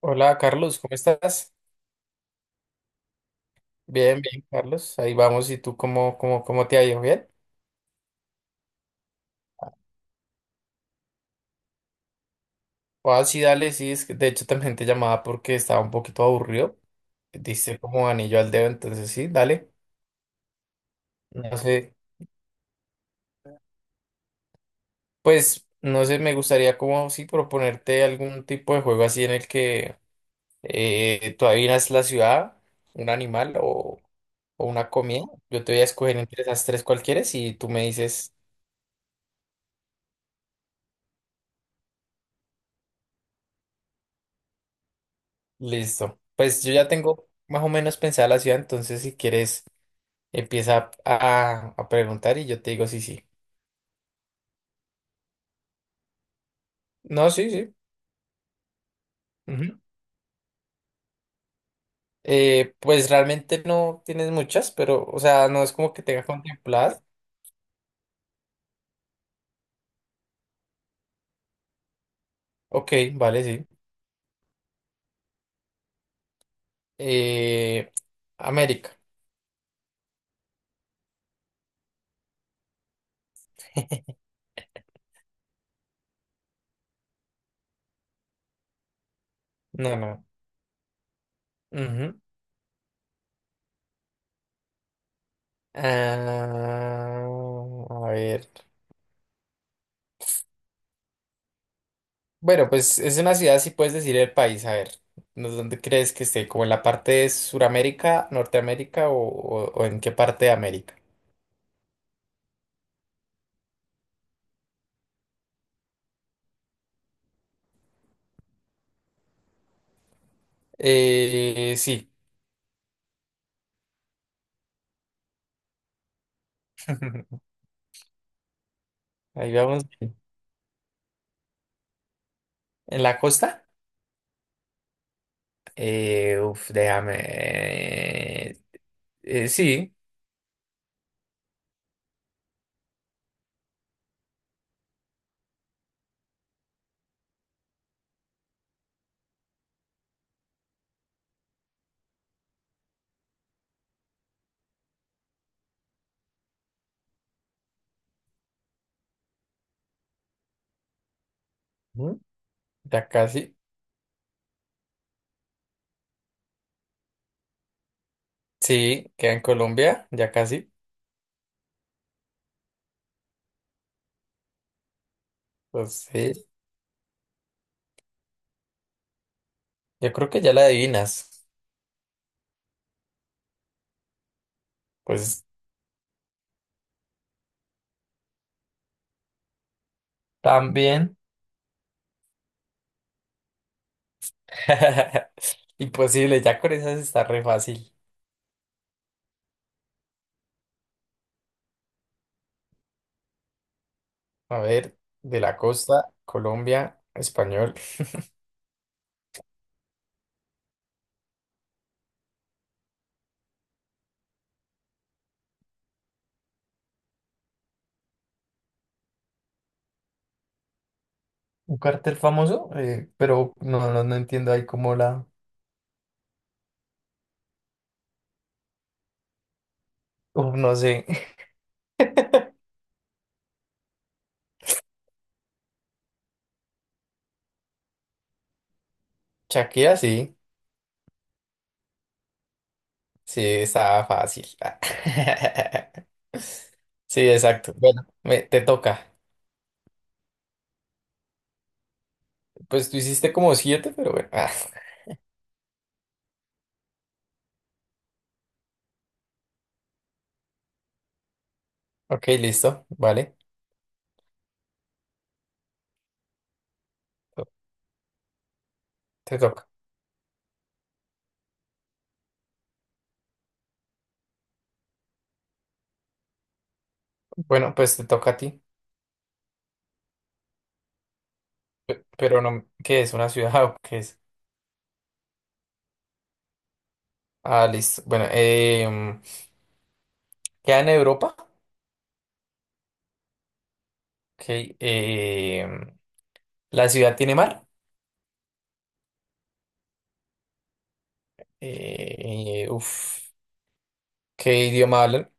Hola Carlos, ¿cómo estás? Bien, bien, Carlos. Ahí vamos. ¿Y tú cómo te ha ido? ¿Bien? Ah, sí, dale, sí. Es que de hecho también te llamaba porque estaba un poquito aburrido. Diste como anillo al dedo, entonces sí, dale. No sé, pues no sé, me gustaría como sí proponerte algún tipo de juego así en el que tú adivinas la ciudad, un animal o una comida. Yo te voy a escoger entre esas tres cualquiera y tú me dices. Listo. Pues yo ya tengo más o menos pensada la ciudad, entonces si quieres empieza a preguntar y yo te digo sí, sí. No, sí, sí. Ujú. Pues realmente no tienes muchas, pero, o sea, no es como que tenga contempladas. Ok, vale, sí. Eh, América. No, no. Ujú. Ah, a ver. Bueno, pues es una ciudad, si puedes decir el país, a ver, ¿dónde crees que esté? ¿Como en la parte de Suramérica, Norteamérica o en qué parte de América? Sí, ahí vamos. ¿En la costa? Uf, déjame. Sí. Ujú. Ya casi. Sí, queda en Colombia, ya casi. Pues sí, yo creo que ya la adivinas. Pues también. Imposible, ya con esas está re fácil. A ver, de la costa, Colombia, español. Un cartel famoso, pero no entiendo ahí cómo la... Uf, no sé. Shakira sí, sí, estaba fácil. Ah. Sí, exacto. Bueno, te toca. Pues tú hiciste como siete, pero bueno. Ah, ok, listo, vale. Te toca. Bueno, pues te toca a ti. Pero no, ¿qué es? ¿Una ciudad o qué es? Ah, listo. Bueno, ¿queda en Europa? Ok. em, La ciudad tiene mar. Uf, ¿qué idioma hablan?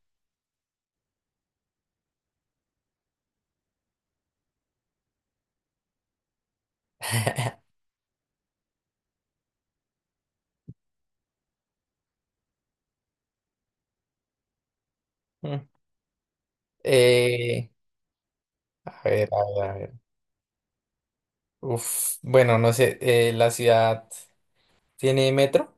Mm. Eh, a ver. Uf, bueno, no sé. La ciudad tiene metro.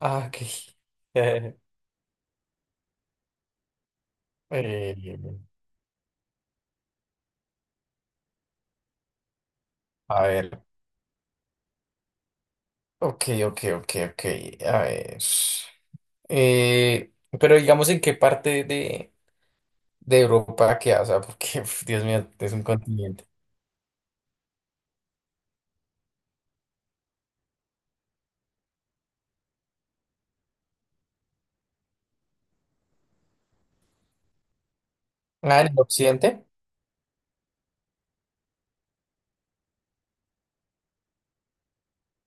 Ah, ok. Eh, a ver. Ok. A ver. Eh, pero digamos en qué parte de Europa queda, o sea, porque, uf, Dios mío, es un continente. Ah, en el occidente.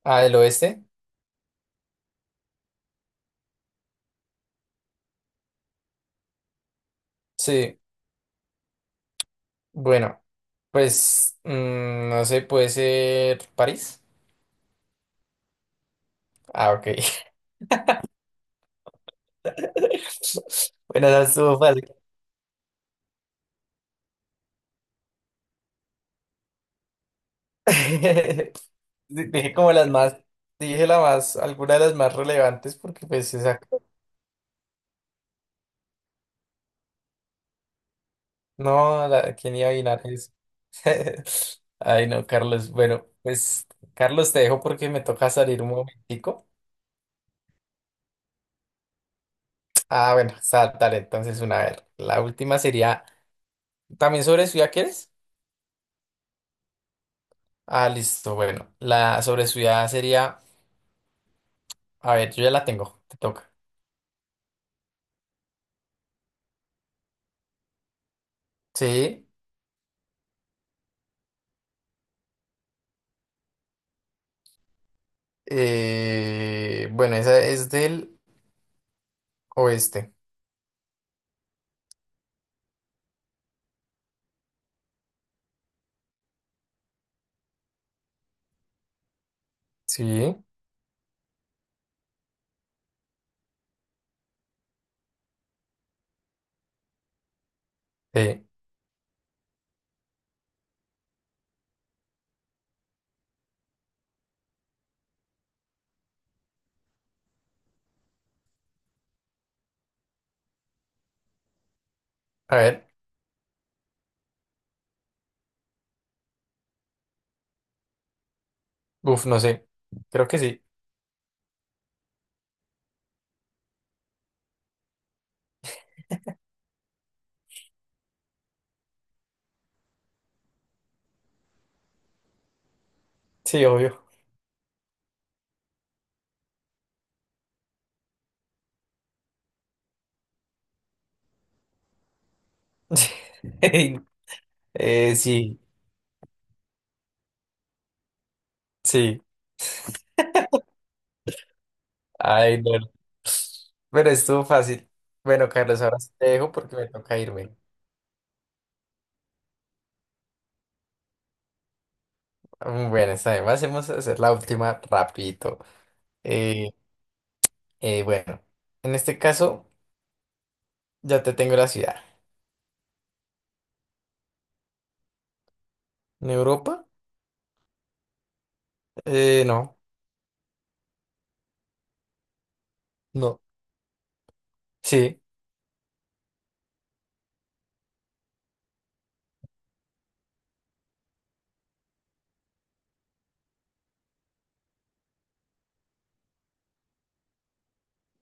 Ah, el oeste. Sí. Bueno. Pues, mm, no sé, puede ser París. Ah, ok. Bueno, esa estuvo fácil. Dije como las más, Dije la más, alguna de las más relevantes porque pues esa, no, ¿quién iba a adivinar eso? Ay, no, Carlos. Bueno, pues, Carlos, te dejo porque me toca salir un momentico. Ah, bueno, saltaré entonces una vez. La última sería, ¿también sobre ciudad quieres? Ah, listo, bueno, la sobre ciudad sería... A ver, yo ya la tengo, te toca. Sí, bueno, esa es del oeste. Sí, sí. A ver, uf, no sé. Creo que sí. Sí, obvio. Sí, sí. Ay, no. Pero estuvo fácil. Bueno, Carlos, ahora sí te dejo porque me toca irme. Mm, bueno, está bien. Vamos a hacer la última rapidito. Eh, bueno, en este caso ya te tengo la ciudad. ¿En Europa? No, no. Sí.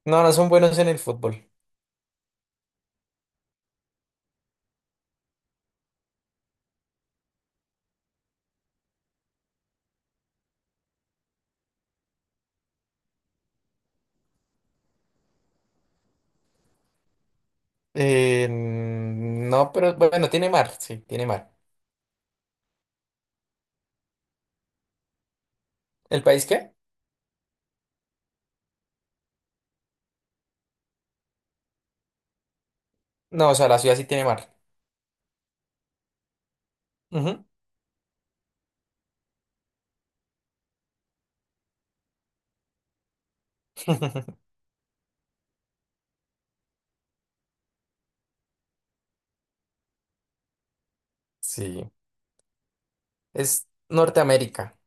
No, no son buenos en el fútbol. No, pero bueno, tiene mar, sí, tiene mar. ¿El país qué? No, o sea, la ciudad sí tiene mar. Ujú. Sí. Es Norteamérica.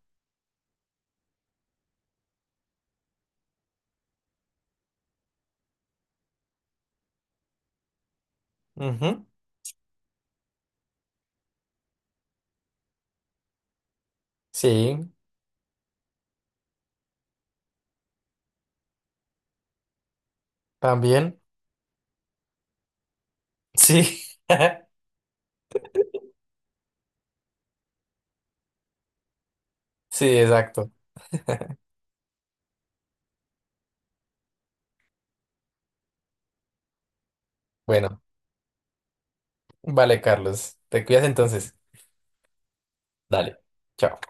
Ujú. Sí, también. Sí. Sí, exacto. Bueno, vale, Carlos. Te cuidas entonces. Dale. Chao.